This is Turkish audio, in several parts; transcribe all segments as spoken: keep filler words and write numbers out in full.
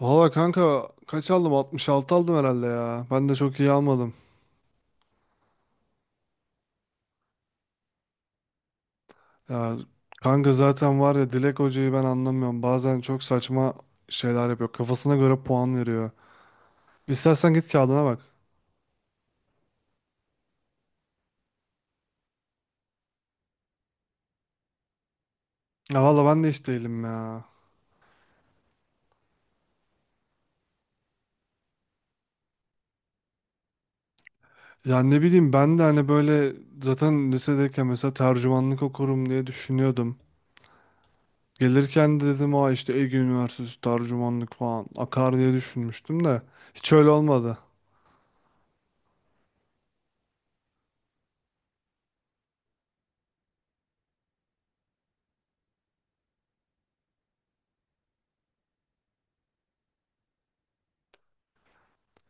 Valla kanka kaç aldım? altmış altı aldım herhalde ya. Ben de çok iyi almadım. Ya kanka zaten var ya Dilek Hoca'yı ben anlamıyorum. Bazen çok saçma şeyler yapıyor. Kafasına göre puan veriyor. İstersen git kağıdına bak. Ya valla ben de hiç değilim ya. Ya ne bileyim ben de hani böyle zaten lisedeyken mesela tercümanlık okurum diye düşünüyordum. Gelirken de dedim aa işte Ege Üniversitesi tercümanlık falan akar diye düşünmüştüm de hiç öyle olmadı.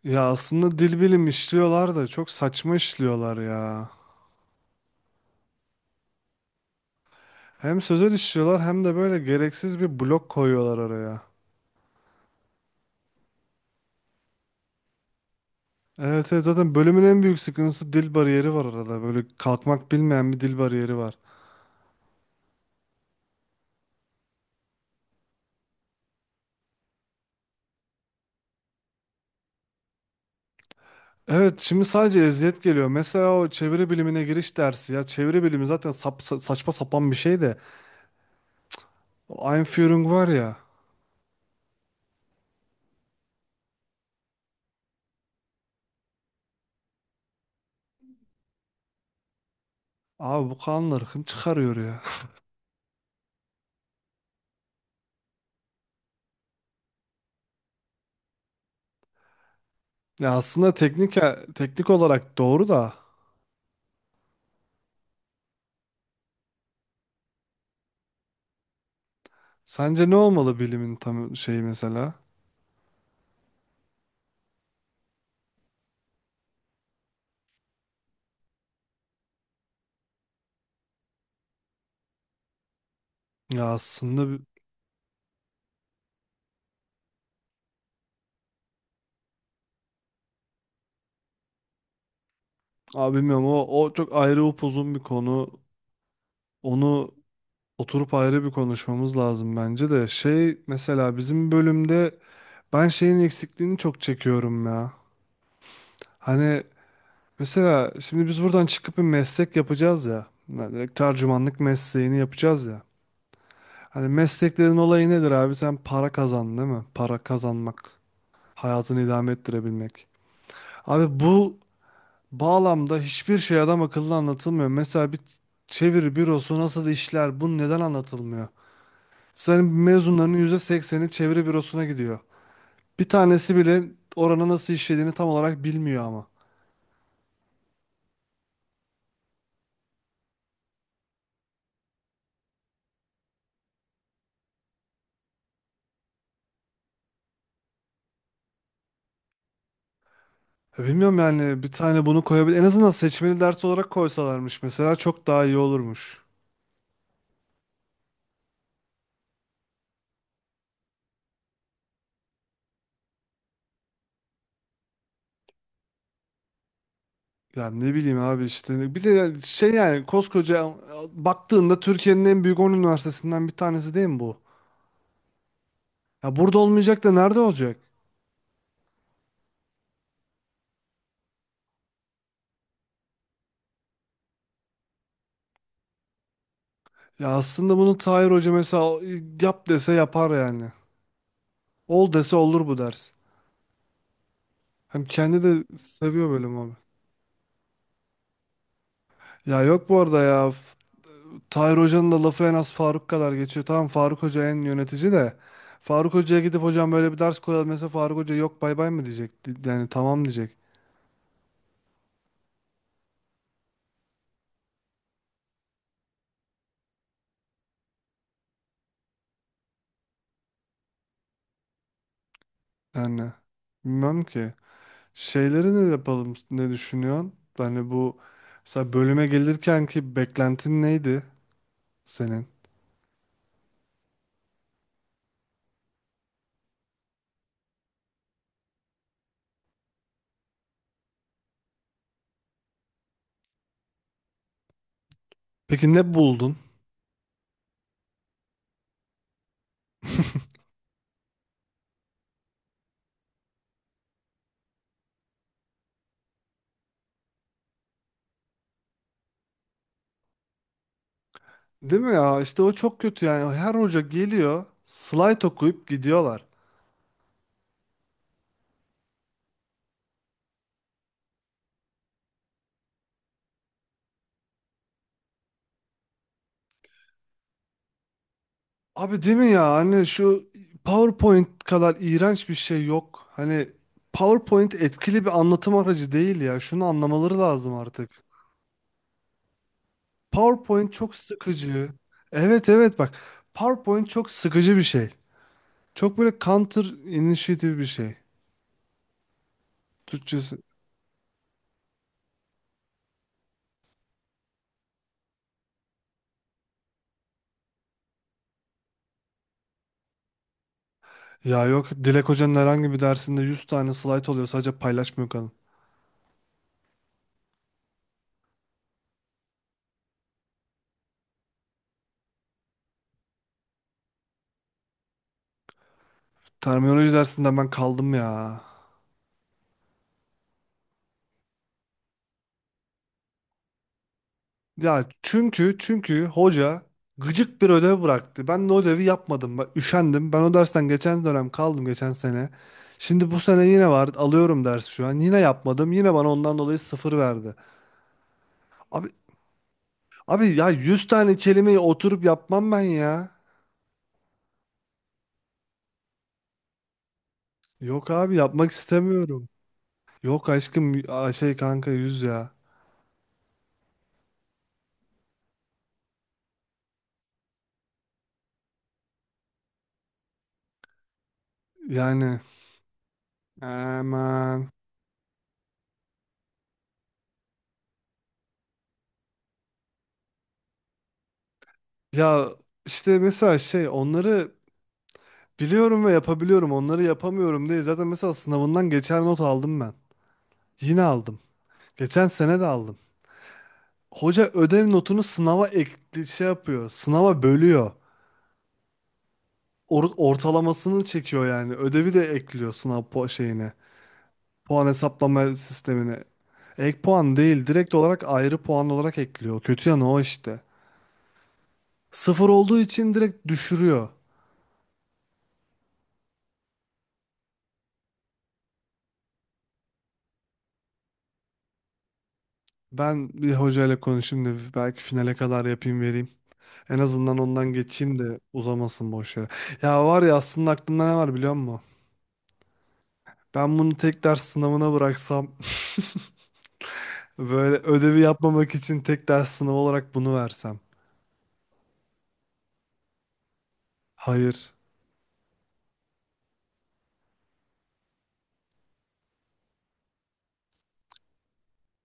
Ya aslında dil bilim işliyorlar da çok saçma işliyorlar ya. Hem sözel işliyorlar hem de böyle gereksiz bir blok koyuyorlar araya. Evet, evet zaten bölümün en büyük sıkıntısı dil bariyeri var arada. Böyle kalkmak bilmeyen bir dil bariyeri var. Evet şimdi sadece eziyet geliyor. Mesela o çeviri bilimine giriş dersi ya. Çeviri bilimi zaten sap, sa- saçma sapan bir şey de. O Einführung var ya. Abi bu kanlar hım çıkarıyor ya. Ya aslında teknik, teknik olarak doğru da. Sence ne olmalı bilimin tam şeyi mesela? Ya aslında bi- abi bilmiyorum o, o çok ayrı upuzun bir konu. Onu oturup ayrı bir konuşmamız lazım bence de. Şey mesela bizim bölümde ben şeyin eksikliğini çok çekiyorum ya. Hani mesela şimdi biz buradan çıkıp bir meslek yapacağız ya. Yani direkt tercümanlık mesleğini yapacağız ya. Hani mesleklerin olayı nedir abi? Sen para kazan değil mi? Para kazanmak. Hayatını idame ettirebilmek. Abi bu bağlamda hiçbir şey adam akıllı anlatılmıyor. Mesela bir çeviri bürosu nasıl işler, bu neden anlatılmıyor? Senin mezunlarının yüzde sekseni çeviri bürosuna gidiyor. Bir tanesi bile oranın nasıl işlediğini tam olarak bilmiyor ama. Ya bilmiyorum yani bir tane bunu koyabilir. En azından seçmeli ders olarak koysalarmış mesela çok daha iyi olurmuş. Yani ne bileyim abi işte. Bir de yani şey yani koskoca baktığında Türkiye'nin en büyük on üniversitesinden bir tanesi değil mi bu? Ya burada olmayacak da nerede olacak? Ya aslında bunu Tahir Hoca mesela yap dese yapar yani. Ol dese olur bu ders. Hem kendi de seviyor bölüm abi. Ya yok bu arada ya. F- Tahir Hoca'nın da lafı en az Faruk kadar geçiyor. Tamam Faruk Hoca en yönetici de. Faruk Hoca'ya gidip hocam böyle bir ders koyalım mesela Faruk Hoca yok bay bay mı diyecek. Di- Yani tamam diyecek. Yani bilmem ki. Şeyleri ne yapalım, ne düşünüyorsun? Yani bu mesela bölüme gelirken ki beklentin neydi senin? Peki ne buldun? Değil mi ya? İşte o çok kötü yani. Her hoca geliyor, slide okuyup gidiyorlar. Abi değil mi ya? Hani şu PowerPoint kadar iğrenç bir şey yok. Hani PowerPoint etkili bir anlatım aracı değil ya. Şunu anlamaları lazım artık. PowerPoint çok sıkıcı. Evet evet bak. PowerPoint çok sıkıcı bir şey. Çok böyle counter initiative bir şey. Türkçesi. Ya yok Dilek Hoca'nın herhangi bir dersinde yüz tane slide oluyor, sadece paylaşmıyor kadın. Terminoloji dersinden ben kaldım ya. Ya çünkü çünkü hoca gıcık bir ödev bıraktı. Ben de o ödevi yapmadım. Ben üşendim. Ben o dersten geçen dönem kaldım, geçen sene. Şimdi bu sene yine var. Alıyorum ders şu an. Yine yapmadım. Yine bana ondan dolayı sıfır verdi. Abi abi ya yüz tane kelimeyi oturup yapmam ben ya. Yok abi yapmak istemiyorum. Yok aşkım. Aa, şey kanka yüz ya. Yani aman. Ya işte mesela şey onları biliyorum ve yapabiliyorum. Onları yapamıyorum diye zaten mesela sınavından geçer not aldım ben. Yine aldım. Geçen sene de aldım. Hoca ödev notunu sınava ekli şey yapıyor. Sınava bölüyor. Or- ortalamasını çekiyor yani. Ödevi de ekliyor sınav po şeyine. Puan hesaplama sistemine. Ek puan değil, direkt olarak ayrı puan olarak ekliyor. Kötü yanı o işte. Sıfır olduğu için direkt düşürüyor. Ben bir hocayla konuşayım da belki finale kadar yapayım vereyim. En azından ondan geçeyim de uzamasın boş yere. Ya var ya, aslında aklımda ne var biliyor musun? Ben bunu tek ders sınavına bıraksam böyle ödevi yapmamak için tek ders sınavı olarak bunu versem. Hayır.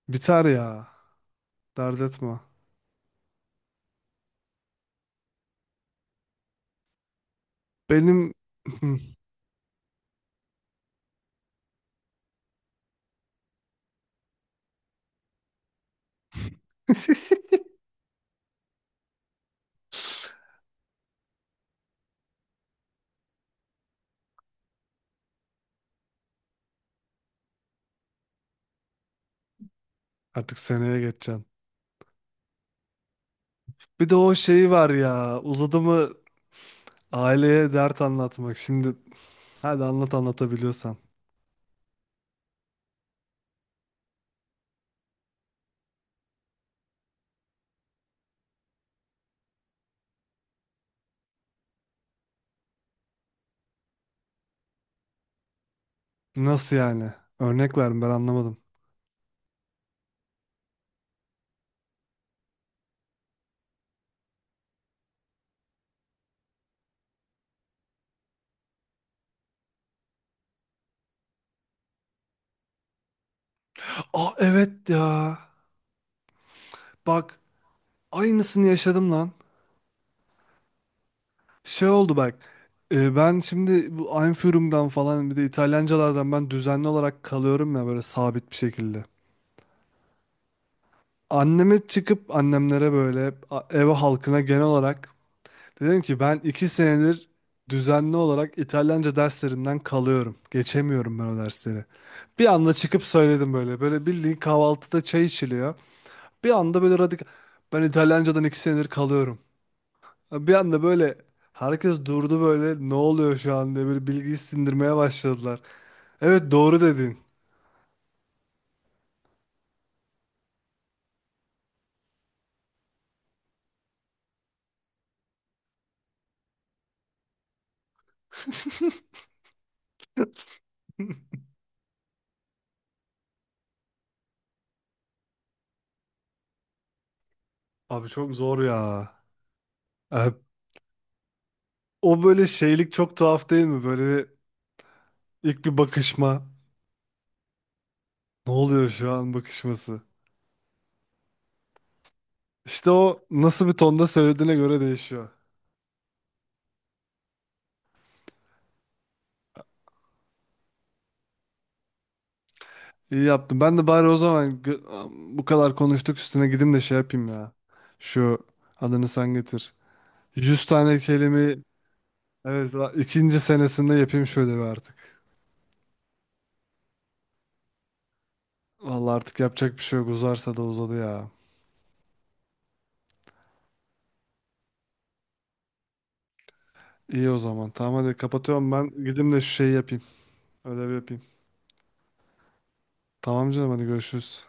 Biter ya. Dert etme. Benim artık seneye geçeceğim. Bir de o şeyi var ya. Uzadı mı aileye dert anlatmak. Şimdi hadi anlat anlatabiliyorsan. Nasıl yani? Örnek verin, ben anlamadım. Aa evet ya. Bak, aynısını yaşadım lan. Şey oldu bak. E, ben şimdi bu Einführung'dan falan bir de İtalyancalardan ben düzenli olarak kalıyorum ya, böyle sabit bir şekilde. Anneme çıkıp annemlere, böyle a- ev halkına genel olarak dedim ki ben iki senedir düzenli olarak İtalyanca derslerinden kalıyorum. Geçemiyorum ben o dersleri. Bir anda çıkıp söyledim böyle. Böyle bildiğin kahvaltıda çay içiliyor. Bir anda böyle radikal. Ben İtalyancadan iki senedir kalıyorum. Bir anda böyle herkes durdu, böyle ne oluyor şu an diye böyle bilgiyi sindirmeye başladılar. Evet, doğru dedin. Abi çok zor ya. Ee, O böyle şeylik çok tuhaf değil mi? Böyle bir- ilk bir bakışma. Ne oluyor şu an bakışması? İşte o nasıl bir tonda söylediğine göre değişiyor. İyi yaptım. Ben de bari o zaman gı- bu kadar konuştuk, üstüne gideyim de şey yapayım ya. Şu adını sen getir. Yüz tane kelime. Evet la- ikinci senesinde yapayım şöyle bir artık. Vallahi artık yapacak bir şey yok. Uzarsa da uzadı ya. İyi o zaman. Tamam hadi kapatıyorum ben. Gideyim de şu şeyi yapayım. Ödevi yapayım. Tamam canım, hadi görüşürüz.